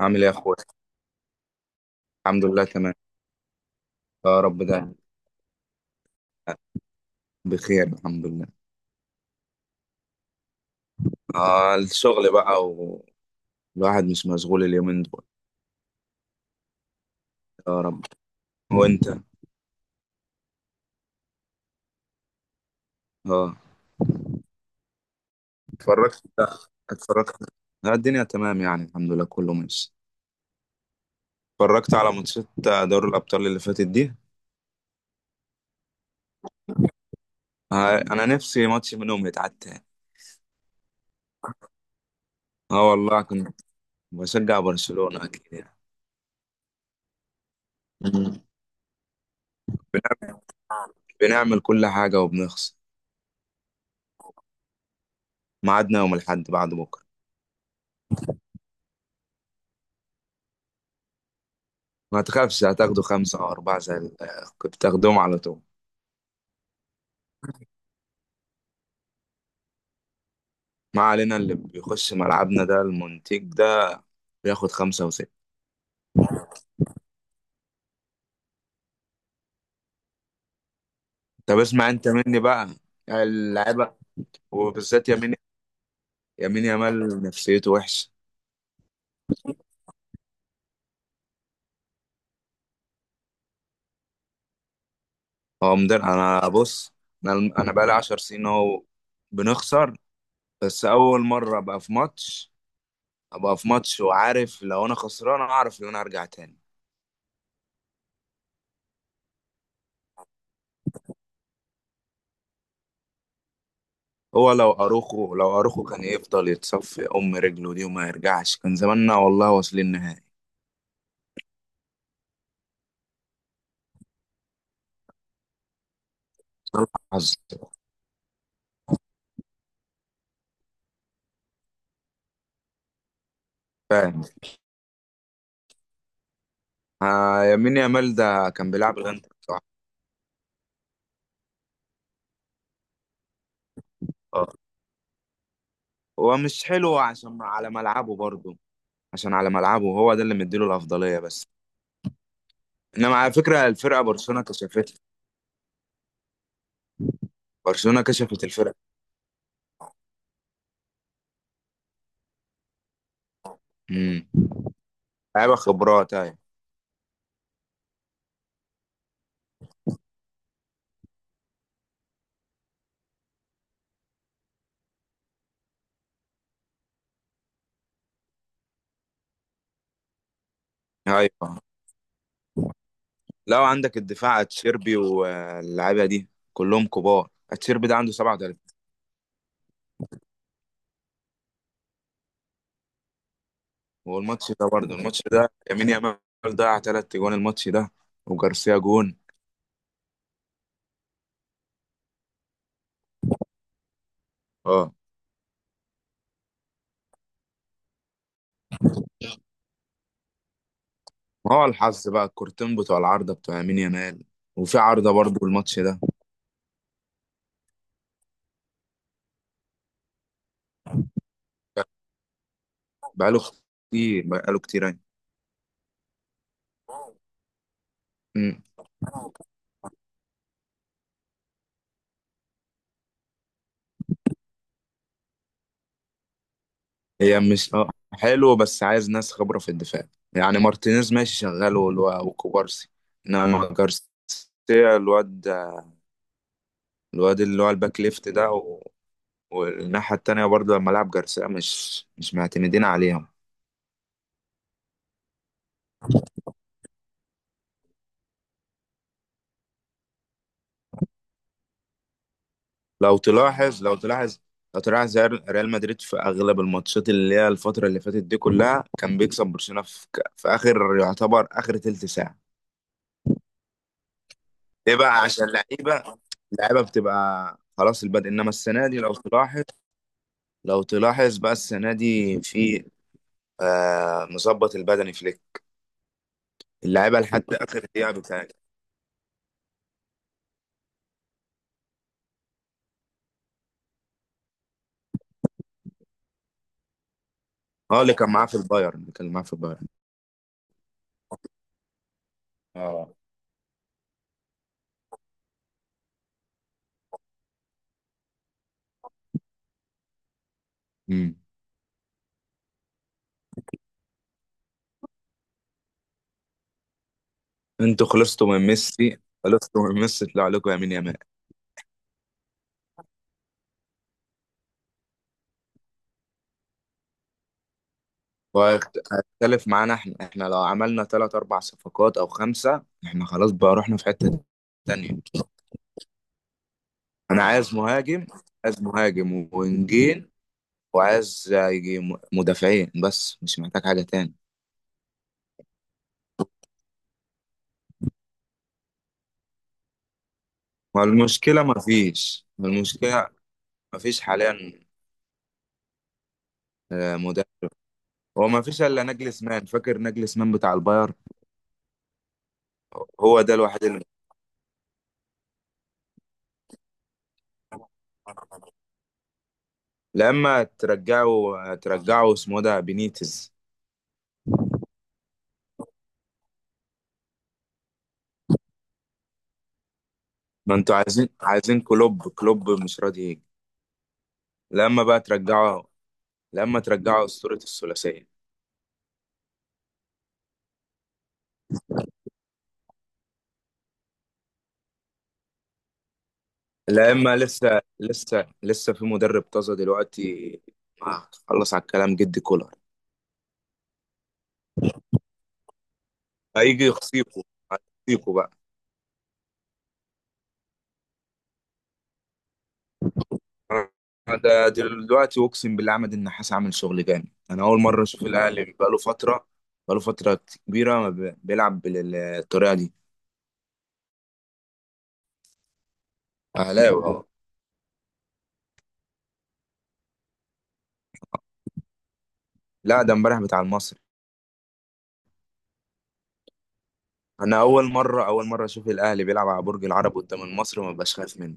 عامل ايه يا اخويا؟ الحمد لله، تمام. يا رب، ده بخير، الحمد لله. آه، الشغل بقى، والواحد مش مشغول اليومين دول. يا رب، وانت؟ اه، اتفرجت اتفرجت. لا، الدنيا تمام يعني، الحمد لله كله ماشي. اتفرجت على ماتشات دوري الابطال اللي فاتت دي. آه، انا نفسي ماتش منهم يتعاد تاني. اه والله، كنت بشجع برشلونة اكيد يعني. مم. بنعمل كل حاجة وبنخسر. ميعادنا يوم الاحد بعد بكرة. ما تخافش، هتاخدوا خمسة أو أربعة زي كنت تاخدهم على طول. ما علينا، اللي بيخش ملعبنا ده المنتج ده بياخد خمسة وستة. طب اسمع انت مني بقى، اللعيبة وبالذات يمين يامال نفسيته وحشة. هو مدرب، انا بص. انا انا بقالي 10 سنين اهو، بنخسر. بس اول مرة ابقى في ماتش وعارف لو انا خسران اعرف ان انا ارجع تاني. هو لو اروخو كان يفضل يتصفي ام رجله دي وما يرجعش، كان زماننا والله واصلين نهائي. صلاح. حظ. آه، يمين يامال ده كان بيلعب بجد كويس بصراحة. اه، هو مش حلو عشان على ملعبه برضه. عشان على ملعبه هو ده اللي مديله الأفضلية بس. انما على فكرة الفرقة برشلونة كشفتها، برشلونة كشفت الفرقة. امم لعيبة خبرات، ايوه. ايوه، لو عندك الدفاع اتشيربي واللعيبة دي كلهم كبار، اتشيربي ده عنده 37. والماتش ده برضه، الماتش ده يمين يامال ضيع ثلاث جوان الماتش ده، وجارسيا جون. اه، ما هو الحظ بقى، الكورتين بتوع العارضة بتوع يمين يامال، وفي عارضة برضو الماتش ده. بقاله كتير، بقاله كتير يعني. مم. هي مش حلو، بس عايز ناس خبرة في الدفاع. يعني مارتينيز ماشي شغال وكوبارسي. انما جارسيا، الواد الواد اللي هو الباك ليفت ده، و... والناحية التانية برضو لما لعب جارسيا مش معتمدين عليهم. لو تلاحظ لو تلاحظ لو تلاحظ ريال مدريد في اغلب الماتشات اللي هي الفتره اللي فاتت دي كلها كان بيكسب برشلونه في اخر يعتبر اخر تلت ساعه. ليه بقى؟ عشان اللعيبه بتبقى خلاص البدء. انما السنه دي لو تلاحظ بقى السنه دي في مظبط البدني فليك، اللعيبه لحد اخر دقيقه بتاعتها. اه، اللي كان معاه في البايرن، اللي كان معاه في البايرن. اه. امم انتوا خلصتوا من ميسي، خلصتوا من ميسي، طلع لكم يمين يمال. واختلف معانا احنا، لو عملنا ثلاث اربع صفقات او خمسة احنا خلاص بقى رحنا في حتة تانية. انا عايز مهاجم، عايز مهاجم وونجين، وعايز يجي مدافعين بس مش محتاج حاجة تاني. والمشكلة ما فيش، المشكلة ما فيش حاليا. مدافع. هو ما فيش الا نجلسمان، فاكر نجلسمان بتاع الباير؟ هو ده الوحيد اللي... لما ترجعوا اسمه ده بينيتز. ما انتوا عايزين كلوب، كلوب مش راضي يجي. لما بقى ترجعه لما ترجعه أسطورة الثلاثية. لما لسه لسه لسه في مدرب طازة دلوقتي. خلص على الكلام جدي كولر. هيجي يخصيكوا، هيخصيكوا بقى. أنا ده دلوقتي أقسم بالله، عماد النحاس عامل شغل جامد. أنا أول مرة أشوف الأهلي بقاله فترة كبيرة ما بيلعب بالطريقة دي. أهلاوي أهو. لا، ده امبارح بتاع المصري. أنا أول مرة أشوف الأهلي بيلعب على برج العرب قدام المصري وما بقاش خايف منه.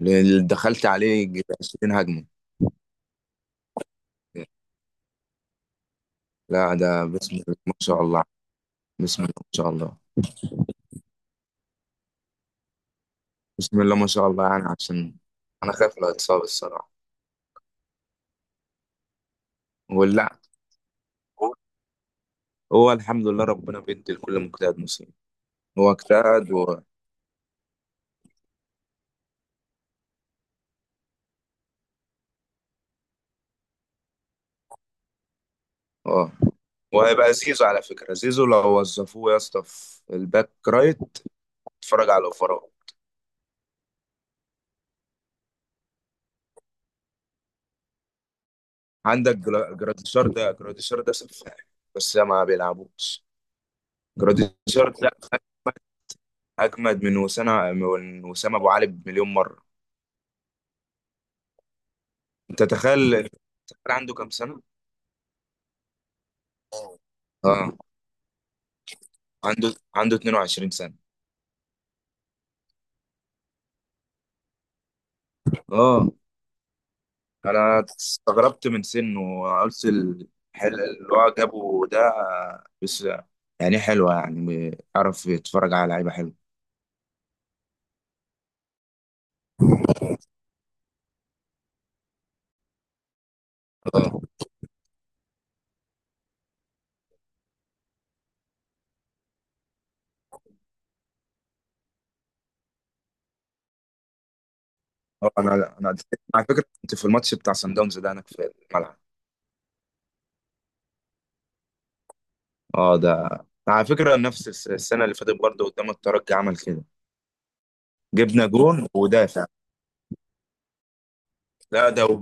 اللي دخلت عليه 20 هجمة. لا، ده بسم الله ما شاء الله، بسم الله ما شاء الله، بسم الله ما شاء الله يعني، عشان انا خايف لو اتصاب الصراحة. ولا، هو هو الحمد لله ربنا بيدي لكل مجتهد نصيب. هو اجتهد و... اه، وهيبقى زيزو. على فكرة زيزو لو وظفوه يا اسطى في الباك رايت، اتفرج على الاوفرات. عندك جراديشار ده، جراديشار ده سفاح، بس ما بيلعبوش. جراديشار ده اجمد من وسام ابو علي بمليون مرة. انت تخيل، عنده كام سنة؟ اه، عنده 22 سنة. اه، انا استغربت من سنه، وقلت الحل اللي هو جابه ده بس. يعني حلوة يعني، عرف يتفرج على لعيبة حلوة. اه، اه، انا على فكرة كنت في الماتش بتاع سان داونز ده هناك في الملعب. اه، ده على فكرة نفس السنة اللي فاتت برضه قدام الترجي، عمل كده. جبنا جون ودافع. لا، ده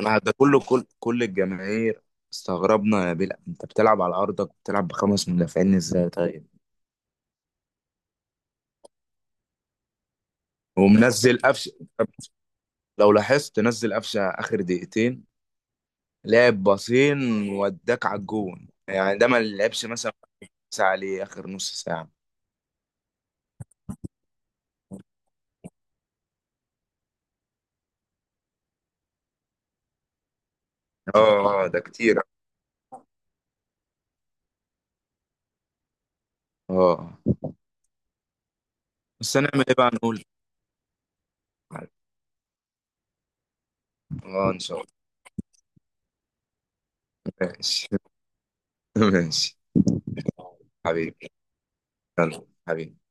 انا ده كله، كل الجماهير استغربنا، يا بلا انت بتلعب على ارضك بتلعب بخمس مدافعين ازاي؟ طيب. ومنزل قفشه. لو لاحظت، نزل قفشه اخر دقيقتين، لعب باصين وداك على الجون يعني، ده ما لعبش مثلا ساعه عليه اخر نص ساعه. اه، اه، ده كتير. اه، بس هنعمل ايه بقى نقول؟ اه، ان شاء الله. ماشي. ماشي، حبيبي. يلا حبيبي.